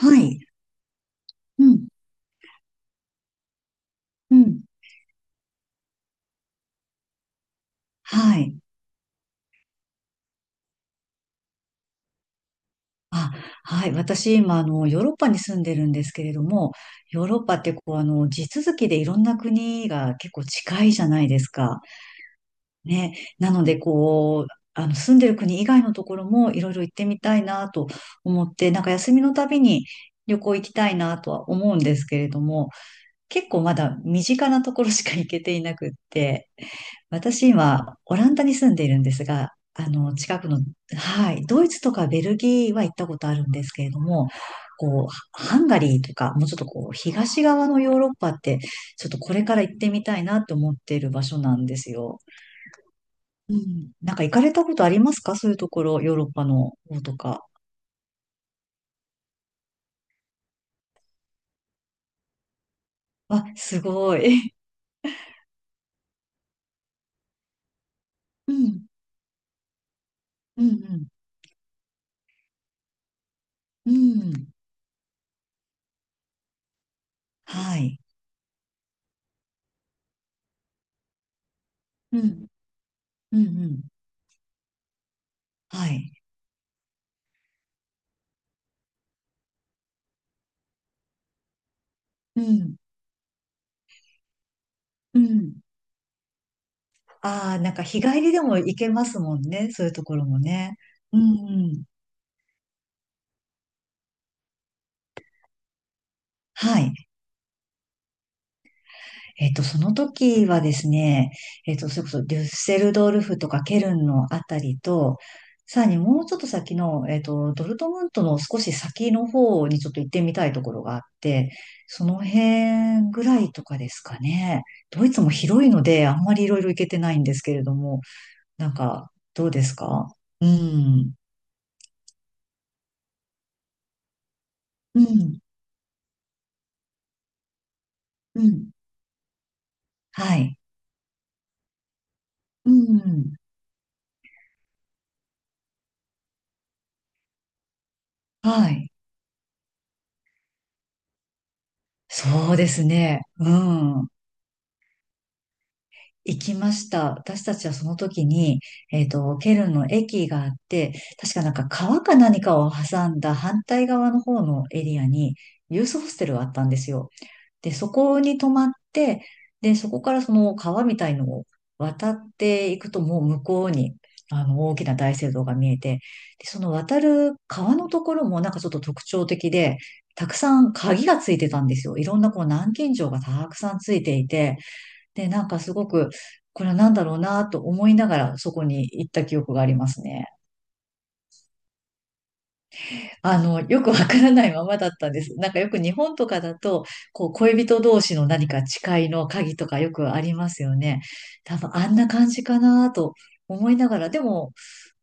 はい。うん、うん。はい。あ、はい。私、今、ヨーロッパに住んでるんですけれども、ヨーロッパって、地続きでいろんな国が結構近いじゃないですか。ね。なので、住んでる国以外のところもいろいろ行ってみたいなと思って、なんか休みのたびに旅行行きたいなとは思うんですけれども、結構まだ身近なところしか行けていなくって、私今、オランダに住んでいるんですが、近くの、はい、ドイツとかベルギーは行ったことあるんですけれども、ハンガリーとか、もうちょっと東側のヨーロッパって、ちょっとこれから行ってみたいなと思っている場所なんですよ。うん。なんか行かれたことありますか？そういうところ、ヨーロッパの方とか。あ、すごい。うん、うん、うん、うん。はい。うん、うん、うん。はい。うん、うん。ああ、なんか日帰りでも行けますもんね。そういうところもね。うんうん。はい。その時はですね、それこそデュッセルドルフとかケルンのあたりと、さらにもうちょっと先の、ドルトムントの少し先の方にちょっと行ってみたいところがあって、その辺ぐらいとかですかね。ドイツも広いので、あんまりいろいろ行けてないんですけれども、なんか、どうですか？うん。うん。うん。はい。うん。はい。そうですね。うん。行きました。私たちはその時に、ケルンの駅があって、確かなんか川か何かを挟んだ反対側の方のエリアに、ユースホステルがあったんですよ。で、そこに泊まって、で、そこからその川みたいのを渡っていくと、もう向こうに、大きな大聖堂が見えて、で、その渡る川のところもなんかちょっと特徴的で、たくさん鍵がついてたんですよ。いろんな南京錠がたくさんついていて、で、なんかすごく、これは何だろうなと思いながらそこに行った記憶がありますね。よくわからないままだったんです。なんかよく日本とかだと、恋人同士の何か誓いの鍵とかよくありますよね。多分あんな感じかなと思いながら、でも、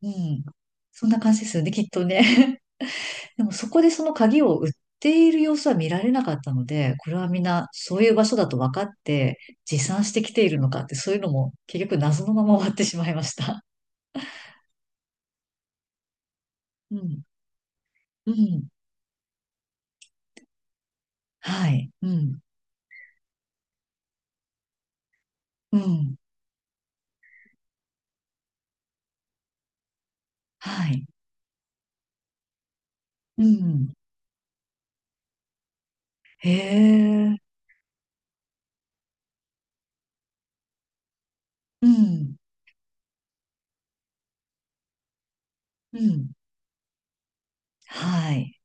うん、そんな感じですよね、きっとね。でもそこでその鍵を売っている様子は見られなかったので、これはみんなそういう場所だと分かって持参してきているのかって、そういうのも結局謎のまま終わってしまいました。うん、うん、はい、うん、うん、はい、うん。へえ、うん、うん、はい、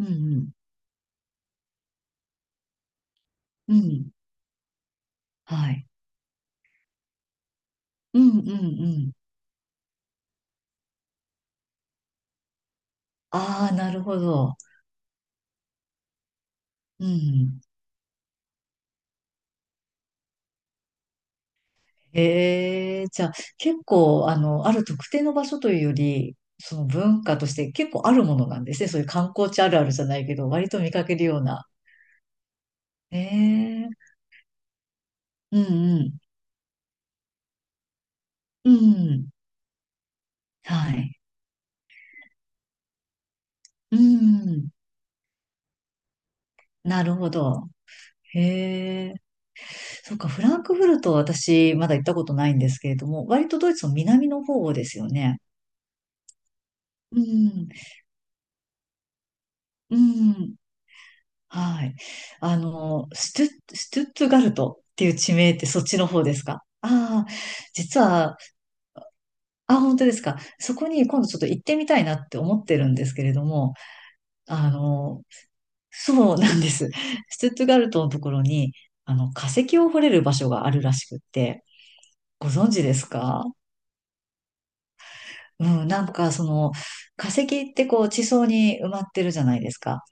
うん、うん、うん、はい、うん、うん、うん。ああ、なるほど。うん。へえ、じゃあ、結構、ある特定の場所というより、その文化として結構あるものなんですね。そういう観光地あるあるじゃないけど、割と見かけるような。へえ、うん、うん、うん、はい、うん、なるほど。へえ。そうか、フランクフルトは私まだ行ったことないんですけれども、割とドイツの南の方ですよね。うん、うん、はい。ストゥットガルトっていう地名ってそっちの方ですか？ああ、実は、あ、本当ですか。そこに今度ちょっと行ってみたいなって思ってるんですけれども、あの、そうなんです。ストゥットガルトのところに、化石を掘れる場所があるらしくって、ご存知ですか？うん、なんかその化石って地層に埋まってるじゃないですか。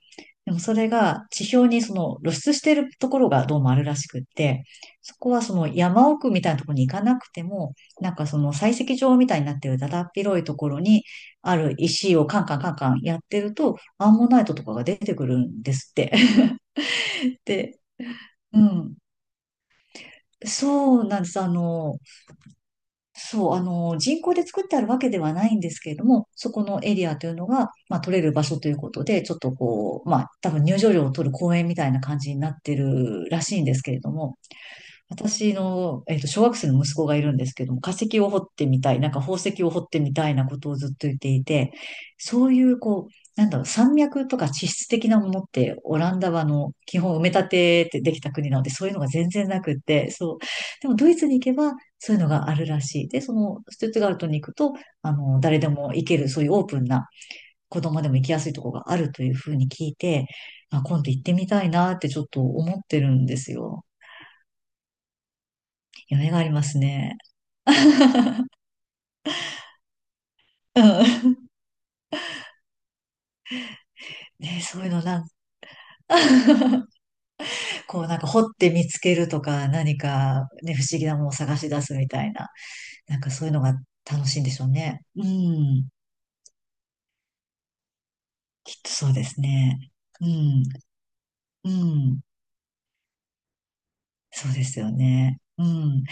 でもそれが地表にその露出してるところがどうもあるらしくって、そこはその山奥みたいなところに行かなくても、なんかその採石場みたいになってるだだっ広いところにある石をカンカンカンカンやってると、アンモナイトとかが出てくるんですって。で、うん。そうなんです。そう、人工で作ってあるわけではないんですけれども、そこのエリアというのが、まあ、取れる場所ということで、ちょっとまあ、多分入場料を取る公園みたいな感じになってるらしいんですけれども、私の、小学生の息子がいるんですけども、化石を掘ってみたい、なんか宝石を掘ってみたいなことをずっと言っていて、そういう、なんだろう、山脈とか地質的なものって、オランダは基本埋め立てってできた国なので、そういうのが全然なくって、そう。でも、ドイツに行けば、そういうのがあるらしい。で、その、ストゥットガルトに行くと、誰でも行ける、そういうオープンな、子供でも行きやすいところがあるというふうに聞いて、あ、今度行ってみたいなってちょっと思ってるんですよ。夢がありますね。うん ね、そういうのなん なんか掘って見つけるとか何かね、不思議なものを探し出すみたいな、なんかそういうのが楽しいんでしょうね。うん。きっとそうですね。うん。うん。そうですよね。うん。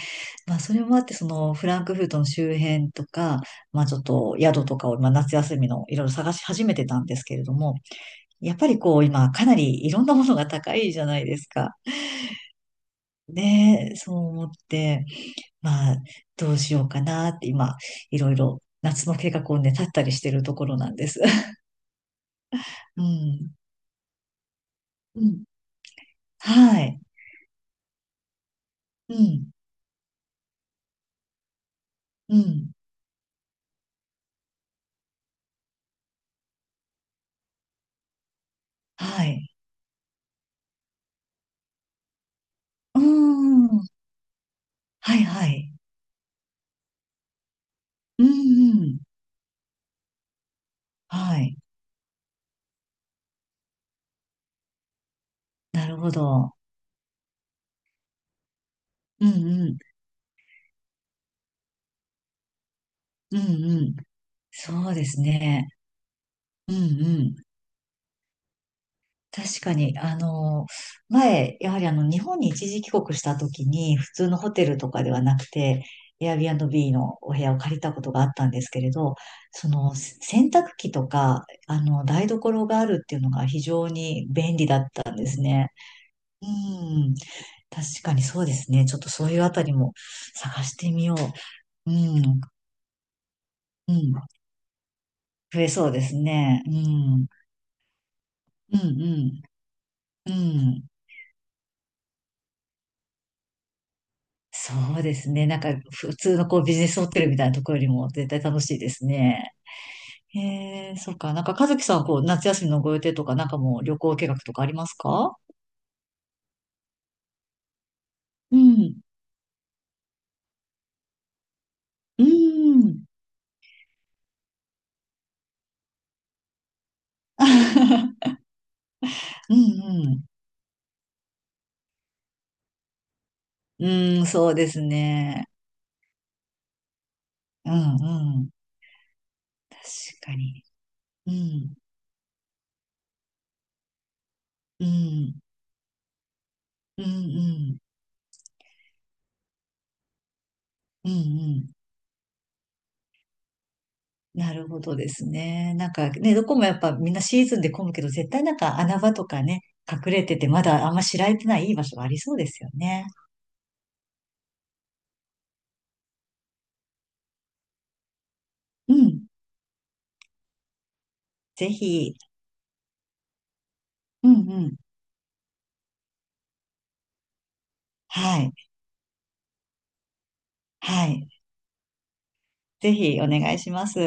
まあそれもあって、そのフランクフルトの周辺とか、まあちょっと宿とかを、まあ、夏休みのいろいろ探し始めてたんですけれども、やっぱり今かなりいろんなものが高いじゃないですか。ねえ、そう思って。まあ、どうしようかなって今、いろいろ夏の計画をね、立ったりしてるところなんです。うん。うん。はい。うん。うん。はい。うーん。はいはい。うんうん。はい。なるほど。うんうん。うんうん。そうですね。うんうん。確かに、前、やはり日本に一時帰国した時に、普通のホテルとかではなくて、Airbnb のお部屋を借りたことがあったんですけれど、その、洗濯機とか、台所があるっていうのが非常に便利だったんですね。うん、確かにそうですね。ちょっとそういうあたりも探してみよう。うん、うん、増えそうですね。うん、うん、うん、うん。そうですね。なんか、普通のビジネスホテルみたいなところよりも絶対楽しいですね。へえ、そっか。なんか、和樹さん、夏休みのご予定とか、なんかもう旅行計画とかありますか？うん。うん。うん、うん。うん、そうですね。うん、うん。確かに。うん、うん、うん、うん、うん、うん。なるほどですね。なんかね、どこもやっぱみんなシーズンで混むけど、絶対なんか穴場とかね、隠れてて、まだあんま知られてないいい場所がありそうですよね。うん。ぜひ。うんうん。はい。はい。ぜひお願いします。